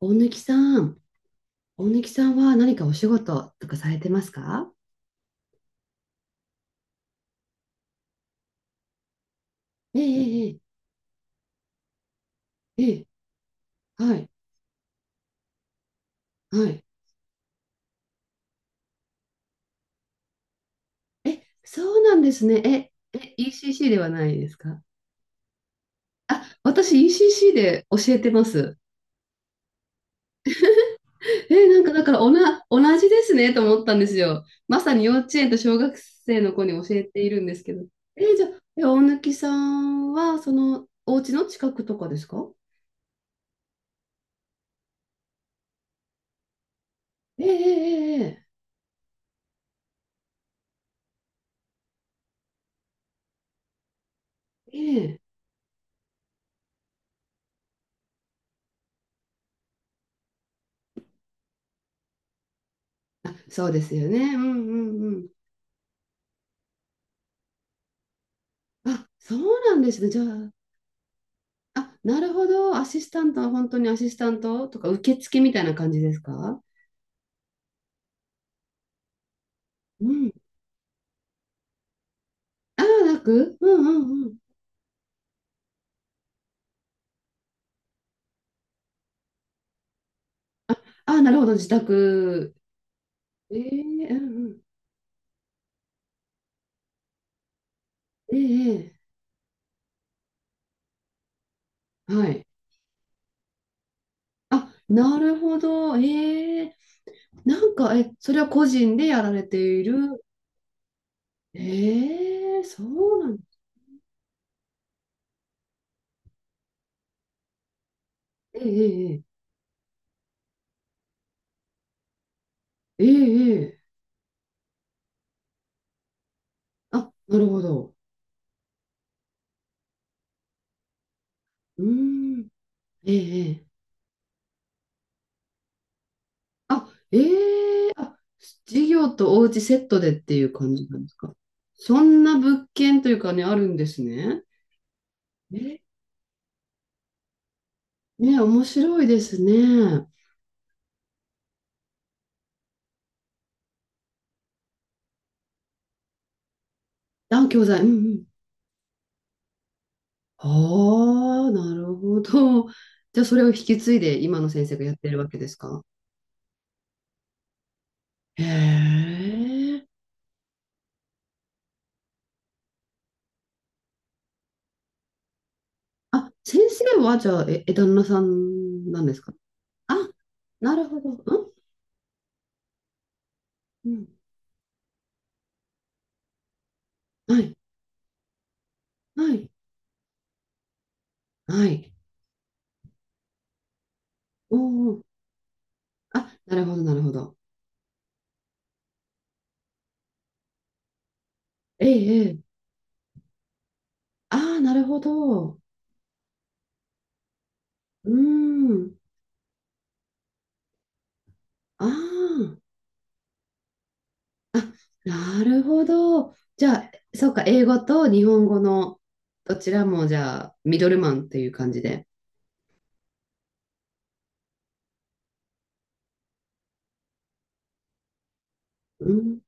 大貫さん、大貫さんは何かお仕事とかされてますか？ええええええ、はい、はい。え、そうなんですね。え、え、ECC ではないですか？あ、私 ECC で教えてます。え、なんかだから同じですねと思ったんですよ。まさに幼稚園と小学生の子に教えているんですけど。え、じゃあ、え、大貫さんはそのお家の近くとかですか？ええええええ、ええあ、そうですよね。うんうんあ、そうなんですね。じゃあ、あ、なるほど。アシスタントは本当にアシスタントとか受付みたいな感じですか？うん。ああ、うんうんうん。ああ、なるほど。自宅。ええうんうん。ええはい。あ、なるほど。ええなんか、え、それは個人でやられている。ええそうなんええええええええあ、なるほど。うーん。えええあ、ええあ、授業とお家セットでっていう感じなんですか？そんな物件というかね、あるんですね。え、ね、面白いですね。あ、教材、うんうん。ああ、なるほど。じゃあ、それを引き継いで今の先生がやってるわけですか？へえ。あ、先生は、じゃあ、え、え旦那さんなんですか？あ、なるほど。うん、うん。はい、はい、はい。おお。あ、なるほど、なるほど。ええ、ええ。ああ、なるほど。うーん。あーあ、なるほど。じゃあ、そうか、英語と日本語のどちらも、じゃあ、ミドルマンっていう感じで。うん。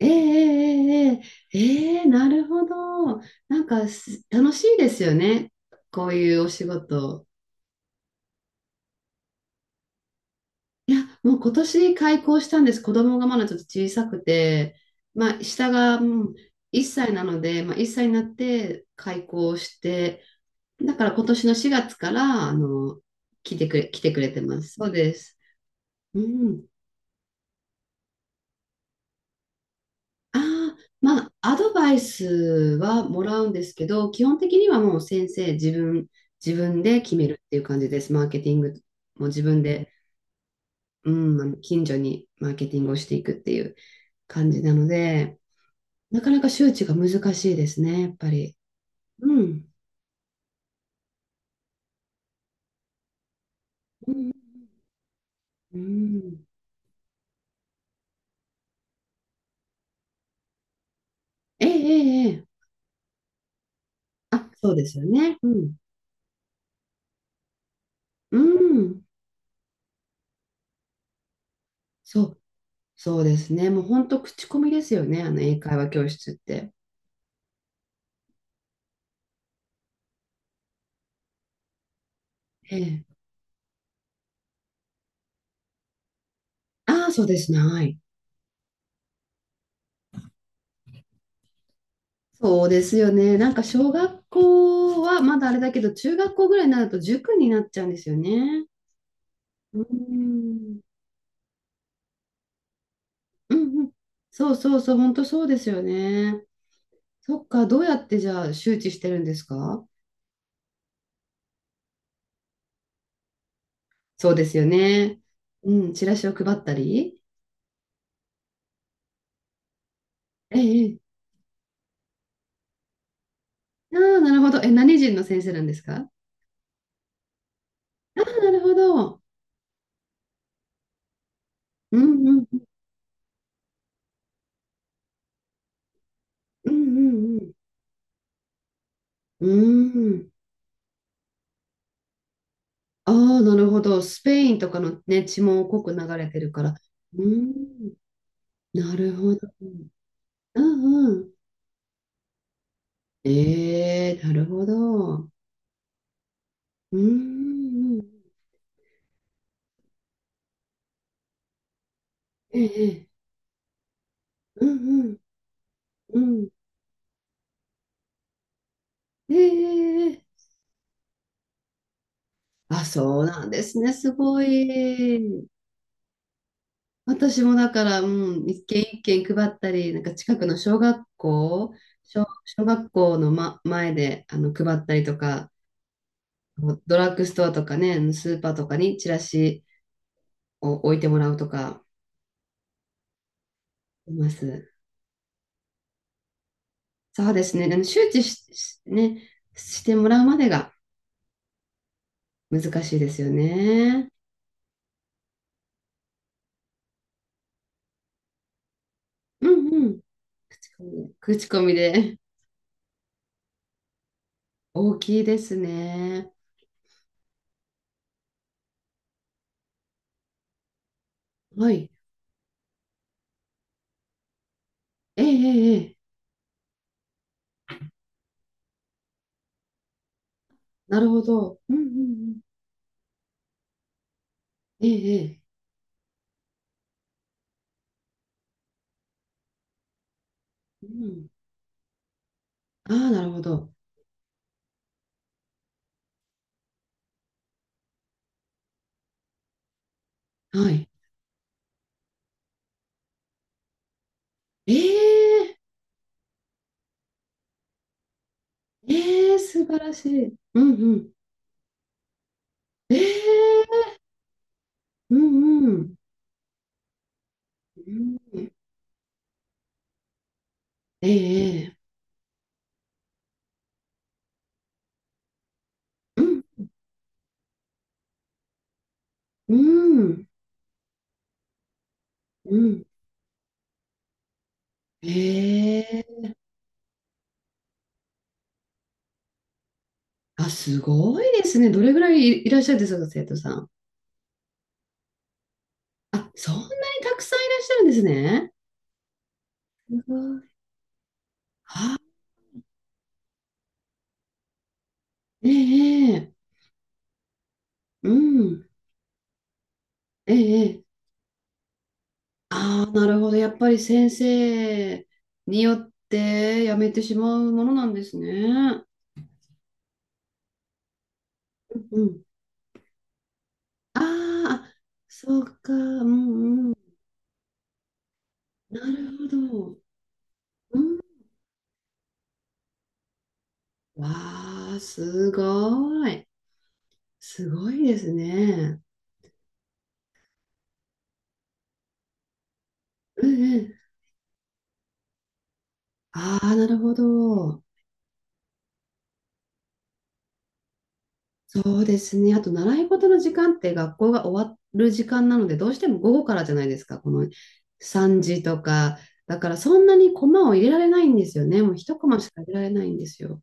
ええええええええなるほど。なんか楽しいですよね。こういうお仕事。いや、もう今年開校したんです。子供がまだちょっと小さくて、まあ、下が、うん、1歳なので、まあ、1歳になって開校して、だから今年の4月から、来てくれてます。そうです。うん。ああ、まあ、アドバイスはもらうんですけど、基本的にはもう先生、自分で決めるっていう感じです。マーケティングも自分で、うん、あの近所にマーケティングをしていくっていう感じなので、なかなか周知が難しいですね、やっぱり。うん。うん。うんええ、ええ、ええ。あ、そうですよね。うん。うん。そう。そうですね。もう本当口コミですよね。あの英会話教室って。ええ。ああ、そうですね。はい。そうですよね。なんか小学校はまだあれだけど、中学校ぐらいになると塾になっちゃうんですよね。うん。うんうん。そうそうそう。本当そうですよね。そっか。どうやってじゃあ周知してるんですか？そうですよね。うん。チラシを配ったり。ええ。ええああ、なるほど。え、何人の先生なんですか？ああ、なるほど。うんうん。うんうんうんうん。うーん。ああ、なるほど。スペインとかのね、血も濃く流れてるから。うーん。なるほど。うんうん。ええ、なるほど。うーん。ええ、うんうん。うん。ええ。あ、そうなんですね。すごい。私もだから、うん、一軒一軒配ったり、なんか近くの小学校、小学校の、ま、前で配ったりとか、ドラッグストアとかね、スーパーとかにチラシを置いてもらうとか、います。そうですね。あの周知し、しね、してもらうまでが難しいですよね。うんうん。口コミで。口コミで。大きいですね。はい。ええええええなるほど。うんうんうん。ええええうん。ああ、なるほど。はい。ええええ素晴らしい。うんうん。ええうんうん。うんええええうんうん、うん。ええあ、すごいですね。どれぐらいいらっしゃるんですか、生徒さん。あ、そんなにたくさんいらっしゃるんですね。すごいあ、ええええうん、ええええああ、なるほど。やっぱり先生によってやめてしまうものなんですね。うん。ああ、そうか。うんうん。なるほど。うん。わあ、すごい。すごいですね。うんうん。ああ、なるほど。そうですね。あと、習い事の時間って学校が終わる時間なので、どうしても午後からじゃないですか。この3時とか。だから、そんなにコマを入れられないんですよね。もう一コマしか入れられないんですよ。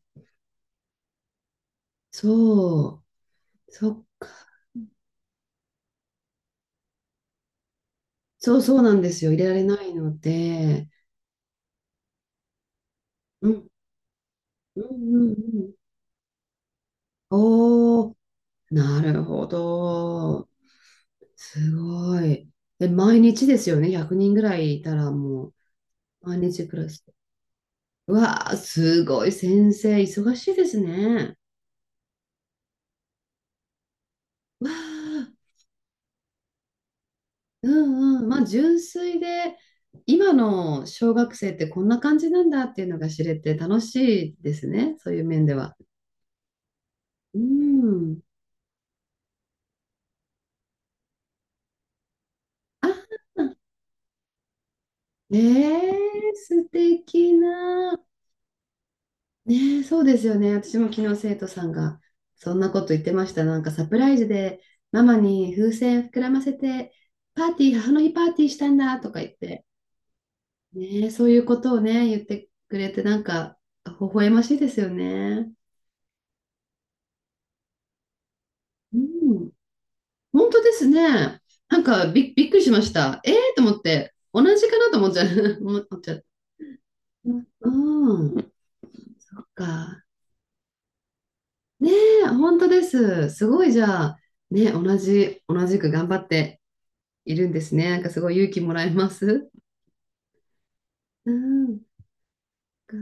そう。そっか。そうそうなんですよ。入れられないので。うん。うんうんうん。おー、なるほど。すごい。で、毎日ですよね。100人ぐらいいたらもう、毎日クラス。わあ、すごい先生、忙しいですね。わあ、うんうん。まあ、純粋で、今の小学生ってこんな感じなんだっていうのが知れて楽しいですね、そういう面では。うん。あ、ねえ、素敵な。ねえ、そうですよね。私も昨日生徒さんがそんなこと言ってました。なんかサプライズでママに風船膨らませて、パーティー、母の日パーティーしたんだとか言って。ねえ、そういうことをね、言ってくれて、なんか、微笑ましいですよね。うん。本当ですね。なんか、びっくりしました。ええと思って、同じかなと思っちゃう。思っちゃう。うん。そっか。ねえ、本当です。すごい、じゃあ、ね、同じく頑張っているんですね。なんか、すごい勇気もらえます。うん。か